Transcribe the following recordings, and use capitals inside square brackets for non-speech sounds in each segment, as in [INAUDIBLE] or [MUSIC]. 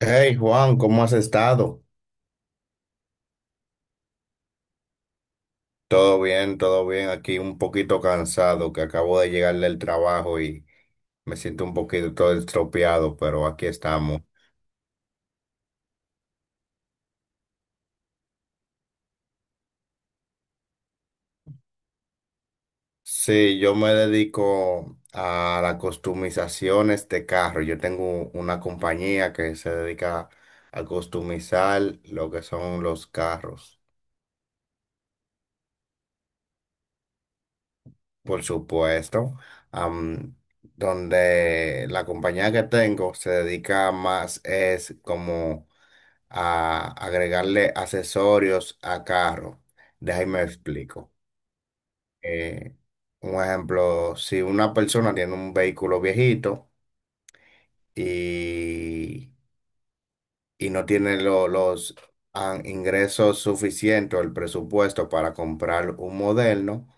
Hey Juan, ¿cómo has estado? Todo bien, todo bien. Aquí un poquito cansado, que acabo de llegar del trabajo y me siento un poquito todo estropeado, pero aquí estamos. Sí, yo me dedico a las customizaciones de este carro. Yo tengo una compañía que se dedica a customizar lo que son los carros, por supuesto. am, Donde la compañía que tengo se dedica más es como a agregarle accesorios a carro. Déjame explico. Eh, un ejemplo, si una persona tiene un vehículo viejito y, y no tiene los ingresos suficientes o el presupuesto para comprar un moderno,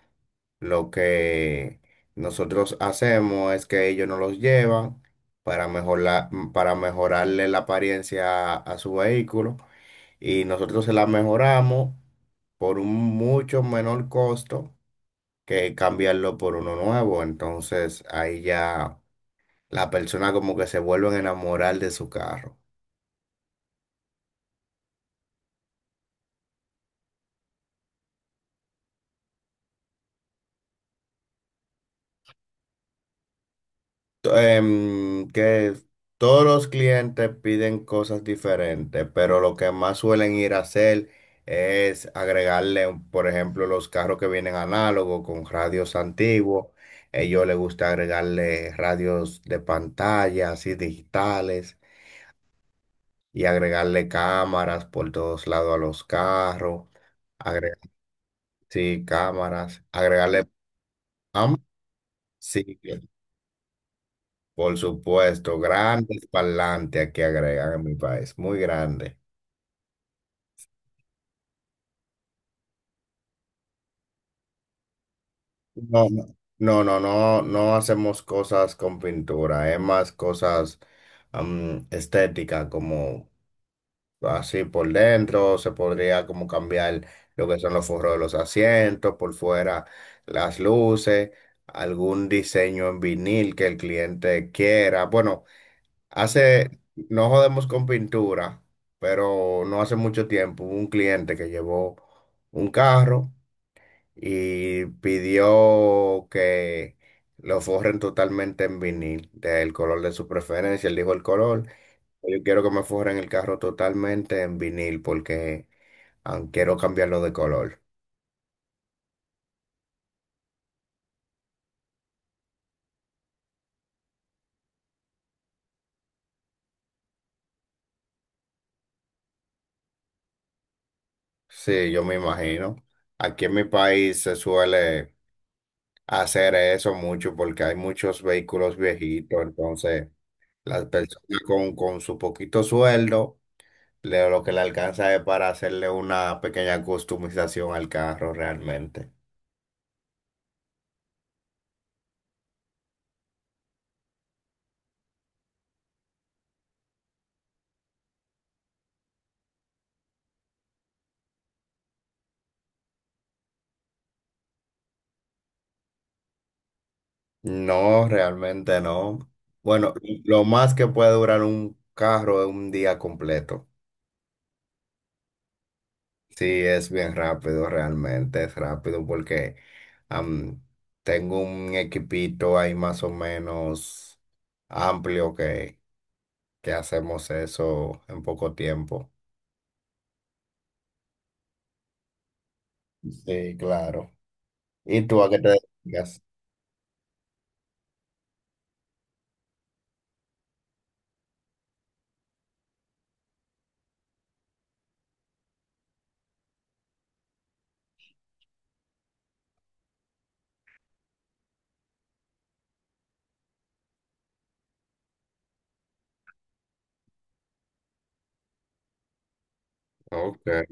lo que nosotros hacemos es que ellos nos los llevan para mejorar, para mejorarle la apariencia a su vehículo y nosotros se la mejoramos por un mucho menor costo que cambiarlo por uno nuevo. Entonces ahí ya la persona como que se vuelven a enamorar de su carro. Que todos los clientes piden cosas diferentes, pero lo que más suelen ir a hacer es agregarle, por ejemplo, los carros que vienen análogos con radios antiguos. Ellos les gusta agregarle radios de pantalla, así digitales. Y agregarle cámaras por todos lados a los carros, agregar, sí, cámaras, agregarle, am- sí, por supuesto, grandes parlantes que agregan en mi país, muy grande. No, no, no hacemos cosas con pintura, es más cosas estéticas como... Así por dentro se podría como cambiar lo que son los forros de los asientos, por fuera las luces, algún diseño en vinil que el cliente quiera. Bueno, hace, no jodemos con pintura, pero no hace mucho tiempo hubo un cliente que llevó un carro y pidió que lo forren totalmente en vinil, del color de su preferencia, él dijo el color. Yo quiero que me forren el carro totalmente en vinil porque quiero cambiarlo de color. Sí, yo me imagino. Aquí en mi país se suele hacer eso mucho porque hay muchos vehículos viejitos, entonces las personas con su poquito sueldo, lo que le alcanza es para hacerle una pequeña customización al carro realmente. No, realmente no. Bueno, lo más que puede durar un carro es un día completo. Sí, es bien rápido, realmente es rápido porque am, tengo un equipito ahí más o menos amplio que hacemos eso en poco tiempo. Sí, claro. ¿Y tú a qué te dedicas? Okay.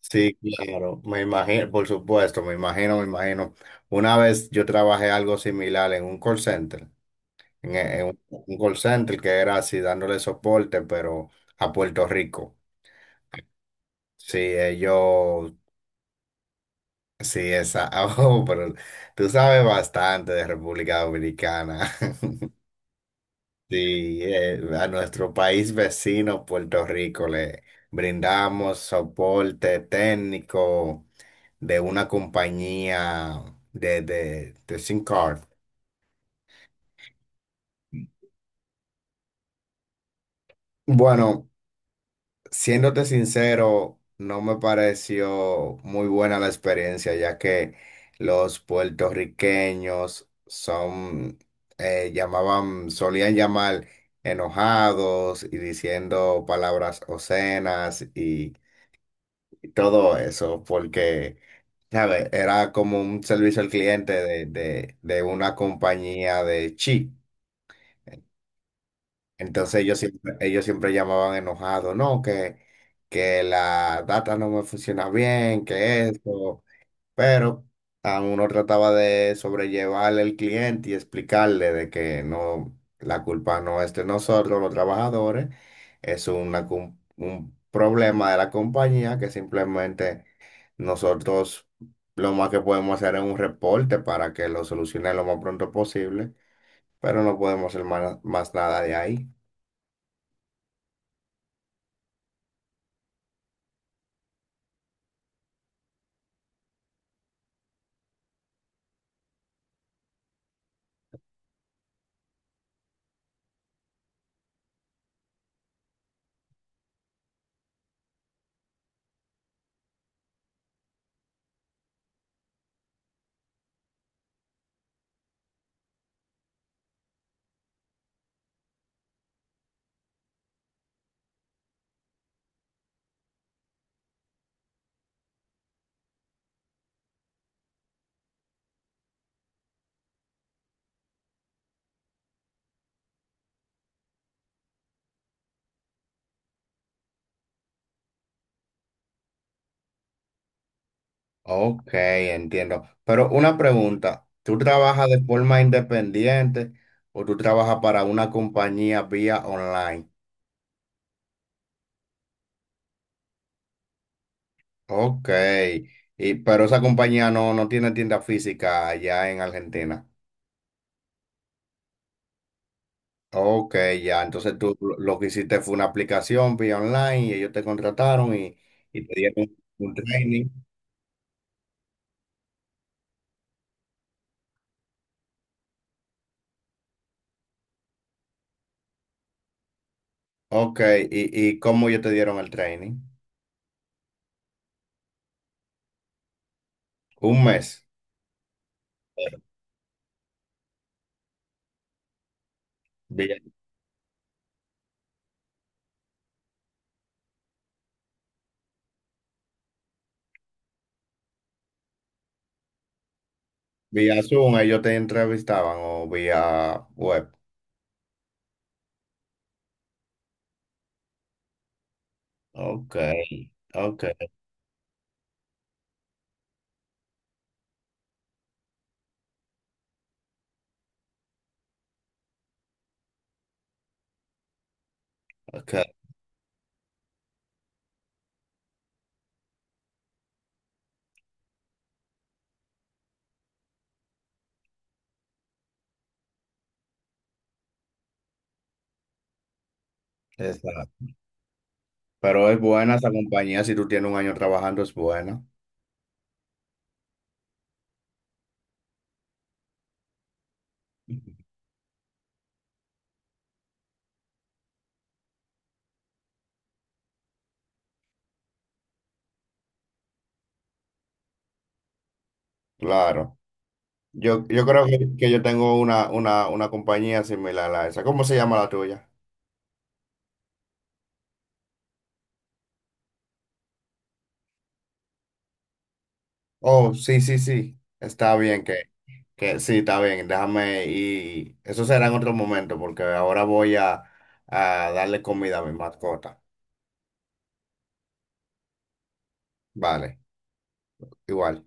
Sí, claro, me imagino, por supuesto, me imagino, me imagino. Una vez yo trabajé algo similar en un call center, en un call center que era así dándole soporte, pero a Puerto Rico. Sí, ellos, sí, esa, [LAUGHS] oh, pero tú sabes bastante de República Dominicana. [LAUGHS] Sí, a nuestro país vecino, Puerto Rico, le brindamos soporte técnico de una compañía de SIM card. Bueno. Siéndote sincero, no me pareció muy buena la experiencia, ya que los puertorriqueños son, llamaban, solían llamar enojados y diciendo palabras obscenas y todo eso, porque, ¿sabes? Era como un servicio al cliente de una compañía de chi. Entonces ellos siempre llamaban enojados, no, que la data no me funciona bien, que esto, pero uno trataba de sobrellevarle al cliente y explicarle de que no, la culpa no es de nosotros, los trabajadores, es una, un problema de la compañía que simplemente nosotros lo más que podemos hacer es un reporte para que lo solucione lo más pronto posible, pero no podemos hacer más nada de ahí. Ok, entiendo. Pero una pregunta, ¿tú trabajas de forma independiente o tú trabajas para una compañía vía online? Ok, y, pero esa compañía no, no tiene tienda física allá en Argentina. Ok, ya, entonces tú lo que hiciste fue una aplicación vía online y ellos te contrataron y te dieron un training. Ok, ¿ y cómo ellos te dieron el training? Un mes, vía, vía Zoom, ellos te entrevistaban o vía web. Ok, ok, ok. Exacto. Pero es buena esa compañía, si tú tienes 1 año trabajando, es buena. Ujú. Claro. Yo creo que yo tengo una compañía similar a esa. ¿Cómo se llama la tuya? Oh, sí, sí, sí. Está bien que sí, está bien. Déjame y eso será en otro momento porque ahora voy a darle comida a mi mascota. Vale, igual.